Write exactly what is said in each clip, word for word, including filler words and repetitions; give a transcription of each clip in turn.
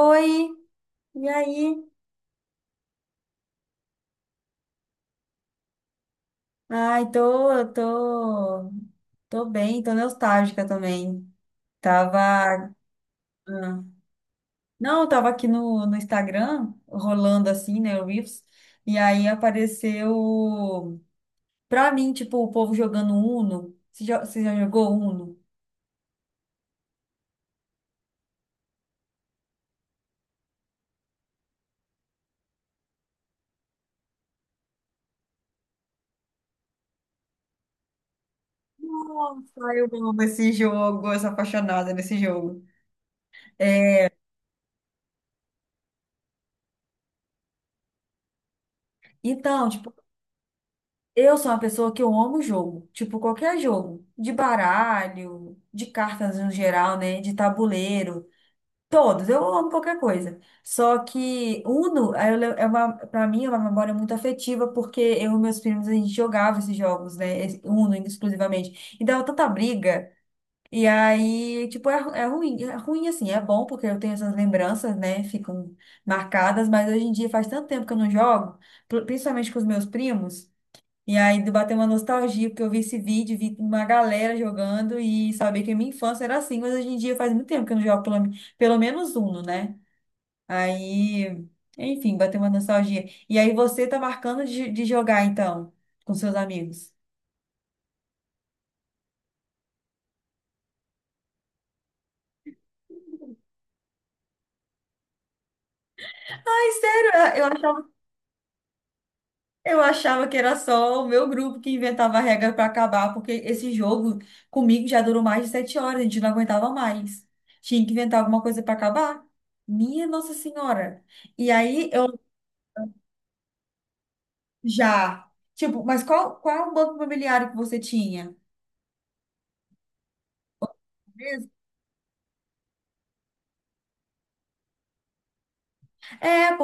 Oi, e aí? Ai, tô, tô, tô bem, tô nostálgica também. Tava, ah, não, eu tava aqui no, no Instagram, rolando assim, né, o Reels, e aí apareceu, pra mim, tipo, o povo jogando Uno. Você já, você já jogou Uno? Nossa, eu amo esse jogo, eu sou apaixonada nesse jogo. Então, tipo, eu sou uma pessoa que eu amo jogo, tipo qualquer jogo, de baralho, de cartas no geral, né, de tabuleiro, todos, eu amo qualquer coisa. Só que Uno aí eu le- é uma, para mim é uma memória muito afetiva porque eu e meus primos a gente jogava esses jogos, né, esse Uno exclusivamente. E dava tanta briga. E aí, tipo, é, ru- é ruim, é ruim assim, é bom porque eu tenho essas lembranças, né, ficam marcadas, mas hoje em dia faz tanto tempo que eu não jogo, pr- principalmente com os meus primos. E aí bateu uma nostalgia, porque eu vi esse vídeo, vi uma galera jogando e sabia que a minha infância era assim, mas hoje em dia faz muito tempo que eu não jogo pelo, pelo menos Uno, né? Aí, enfim, bateu uma nostalgia. E aí você tá marcando de, de jogar, então, com seus amigos. Ai, sério, eu achava, eu achava que era só o meu grupo que inventava a regra pra acabar, porque esse jogo comigo já durou mais de sete horas, a gente não aguentava mais. Tinha que inventar alguma coisa pra acabar. Minha Nossa Senhora. E aí eu. Já. Tipo, mas qual, qual é o banco imobiliário que você tinha? Mesmo? É.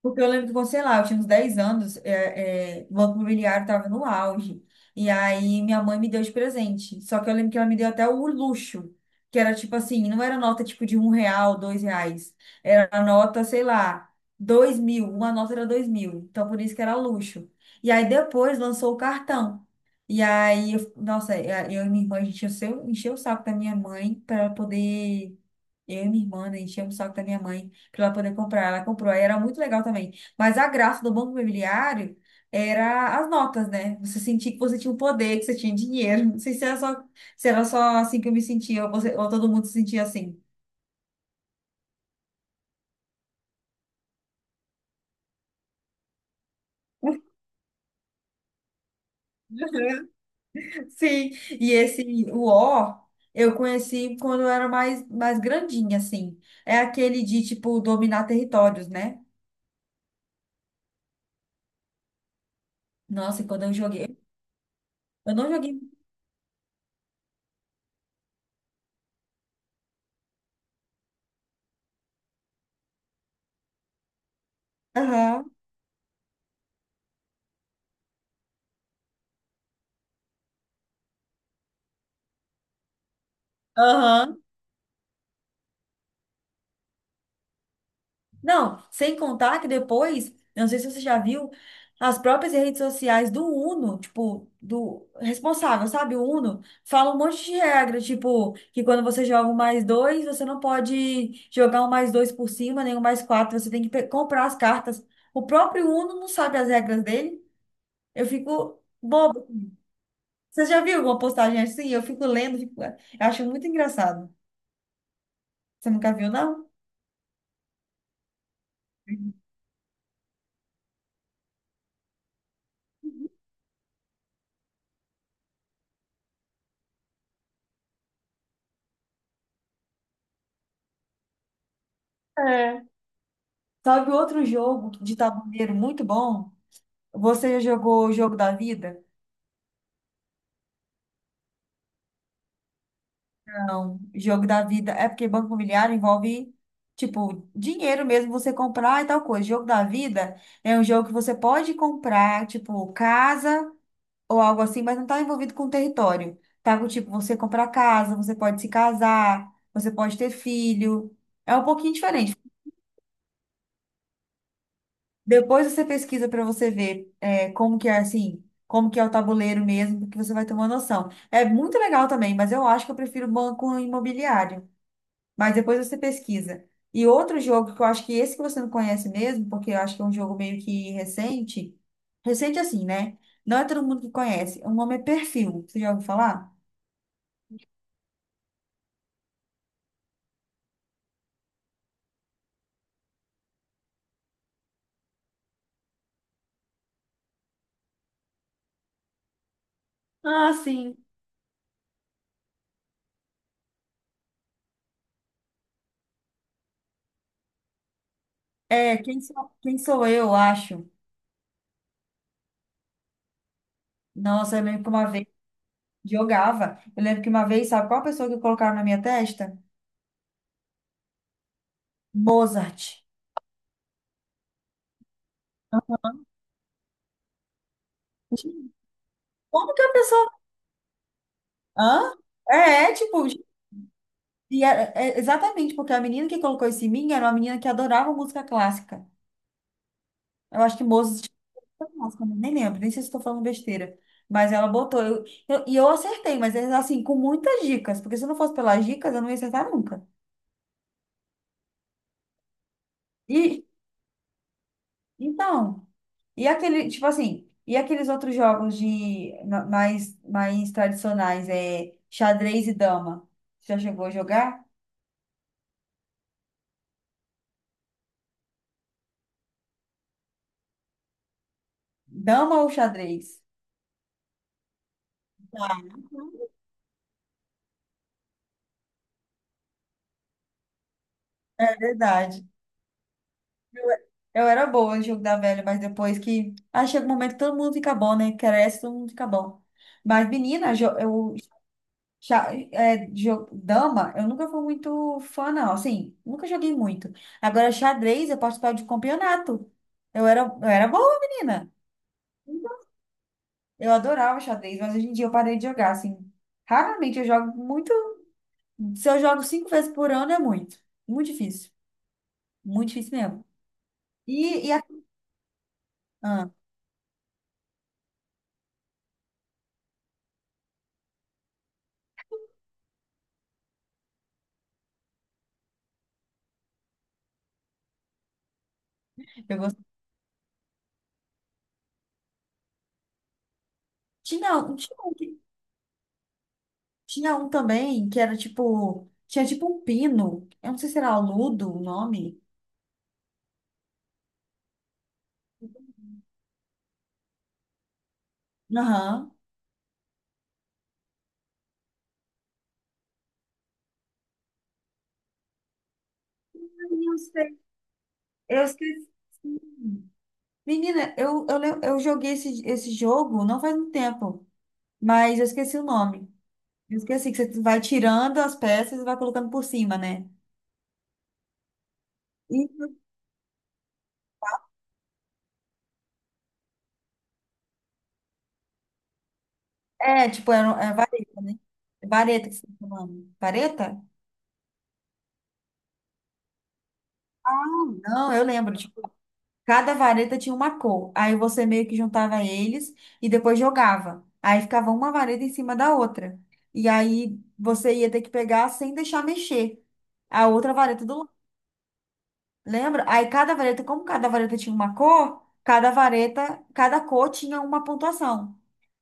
Porque eu lembro que você lá, eu tinha uns dez anos, é, é, o Banco Imobiliário estava no auge. E aí minha mãe me deu de presente. Só que eu lembro que ela me deu até o luxo, que era tipo assim, não era nota tipo de um real, dois reais. Era a nota, sei lá, dois mil. Uma nota era dois mil. Então por isso que era luxo. E aí depois lançou o cartão. E aí, eu- nossa, é, eu e minha irmã, a gente encheu, encheu o saco da minha mãe para poder eu e minha irmã, né, enchemos o saco da minha mãe para ela poder comprar. Ela comprou, aí era muito legal também. Mas a graça do Banco Imobiliário era as notas, né? Você sentia que você tinha um poder, que você tinha dinheiro. Não sei se era só, se era só assim que eu me sentia, ou, você- ou todo mundo se sentia assim. Sim, e esse o O eu conheci quando eu era mais, mais grandinha, assim. É aquele de, tipo, dominar territórios, né? Nossa, e quando eu joguei. Eu não joguei. Aham. Aham. Não, sem contar que depois, eu não sei se você já viu, as próprias redes sociais do Uno, tipo, do responsável, sabe? O Uno fala um monte de regra, tipo, que quando você joga um mais dois, você não pode jogar um mais dois por cima, nem um mais quatro, você tem que pe- comprar as cartas. O próprio Uno não sabe as regras dele. Eu fico bobo. Você já viu alguma postagem assim? Eu fico lendo, fico, eu acho muito engraçado. Você nunca viu, não? É. Sabe outro jogo de tabuleiro muito bom? Você já jogou o jogo da vida? Não. Jogo da vida é porque banco imobiliário envolve, tipo, dinheiro mesmo, você comprar e tal coisa. Jogo da vida é um jogo que você pode comprar, tipo, casa ou algo assim, mas não tá envolvido com território. Tá com, tipo, você comprar casa, você pode se casar, você pode ter filho. É um pouquinho diferente. Depois você pesquisa para você ver é, como que é assim, como que é o tabuleiro mesmo, porque você vai ter uma noção. É muito legal também, mas eu acho que eu prefiro banco imobiliário. Mas depois você pesquisa. E outro jogo que eu acho que esse que você não conhece mesmo, porque eu acho que é um jogo meio que recente, recente assim, né? Não é todo mundo que conhece. O nome é Perfil. Você já ouviu falar? Ah, sim. É, quem sou, quem sou eu, acho. Nossa, eu lembro que uma vez jogava. Eu lembro que uma vez, sabe qual pessoa que colocaram na minha testa? Mozart. Como que a pessoa. Hã? É, é, tipo. E era- é exatamente, porque a menina que colocou esse em mim era uma menina que adorava música clássica. Eu acho que Mozart era clássico, né? Nem lembro, nem sei se estou falando besteira. Mas ela botou. Eu, eu- e eu acertei, mas é assim, com muitas dicas, porque se não fosse pelas dicas, eu não ia acertar nunca. E então, e aquele, tipo assim, e aqueles outros jogos de ma- mais, mais tradicionais, é xadrez e dama? Você já chegou a jogar? Dama ou xadrez? Dá, é verdade. Eu era boa no jogo da velha, mas depois que. Ah, chega um momento que todo mundo fica bom, né? Cresce, todo mundo fica bom. Mas, menina, jo- eu. Xa- é, jo- Dama, eu nunca fui muito fã, não. Assim, nunca joguei muito. Agora, xadrez, eu participava de campeonato. Eu era, eu era boa, menina. Eu adorava xadrez, mas hoje em dia eu parei de jogar, assim. Raramente eu jogo muito. Se eu jogo cinco vezes por ano, é muito. Muito difícil. Muito difícil mesmo. E, e ah, eu gosto. Tinha, um- tinha, um que- tinha um também que era tipo. Tinha tipo um pino. Eu não sei se era aludo o nome. Aham. Ai, eu sei. Eu esqueci. Menina, eu, eu, lem- eu joguei esse, esse jogo não faz muito tempo, mas eu esqueci o nome. Eu esqueci que você vai tirando as peças e vai colocando por cima, né? E, é, tipo, era, é vareta, né? Vareta que você tá falando. Vareta? Não, eu lembro, tipo, cada vareta tinha uma cor. Aí você meio que juntava eles e depois jogava. Aí ficava uma vareta em cima da outra. E aí você ia ter que pegar sem deixar mexer a outra vareta do lado. Lembra? Aí cada vareta, como cada vareta tinha uma cor, cada vareta, cada cor tinha uma pontuação.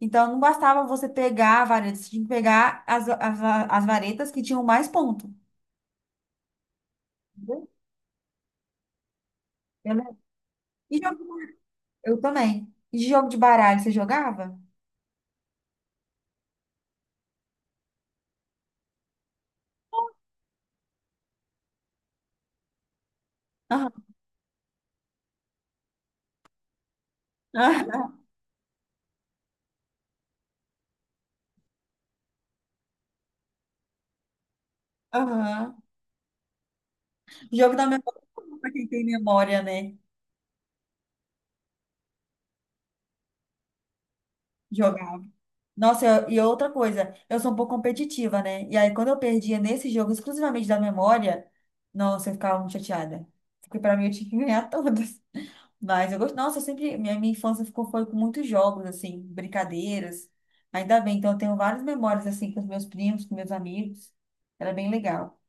Então não bastava você pegar a vareta, você tinha que pegar as, as, as varetas que tinham mais ponto. Entendeu? Eu lembro. E jogo, de baralho? Eu também. E de jogo de baralho, você jogava? Aham. Aham. Jogo da memória, pra quem tem memória, né? Jogava. Nossa, eu- e outra coisa, eu sou um pouco competitiva, né? E aí, quando eu perdia nesse jogo, exclusivamente da memória, nossa, eu ficava muito chateada. Porque pra mim eu tinha que ganhar todas. Mas eu gosto. Nossa, eu sempre. Minha, minha infância ficou, foi com muitos jogos, assim, brincadeiras. Ainda bem, então eu tenho várias memórias, assim, com os meus primos, com meus amigos. Era bem legal.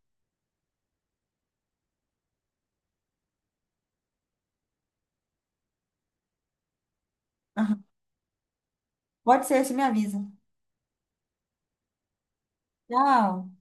Pode ser, você me avisa. Tchau.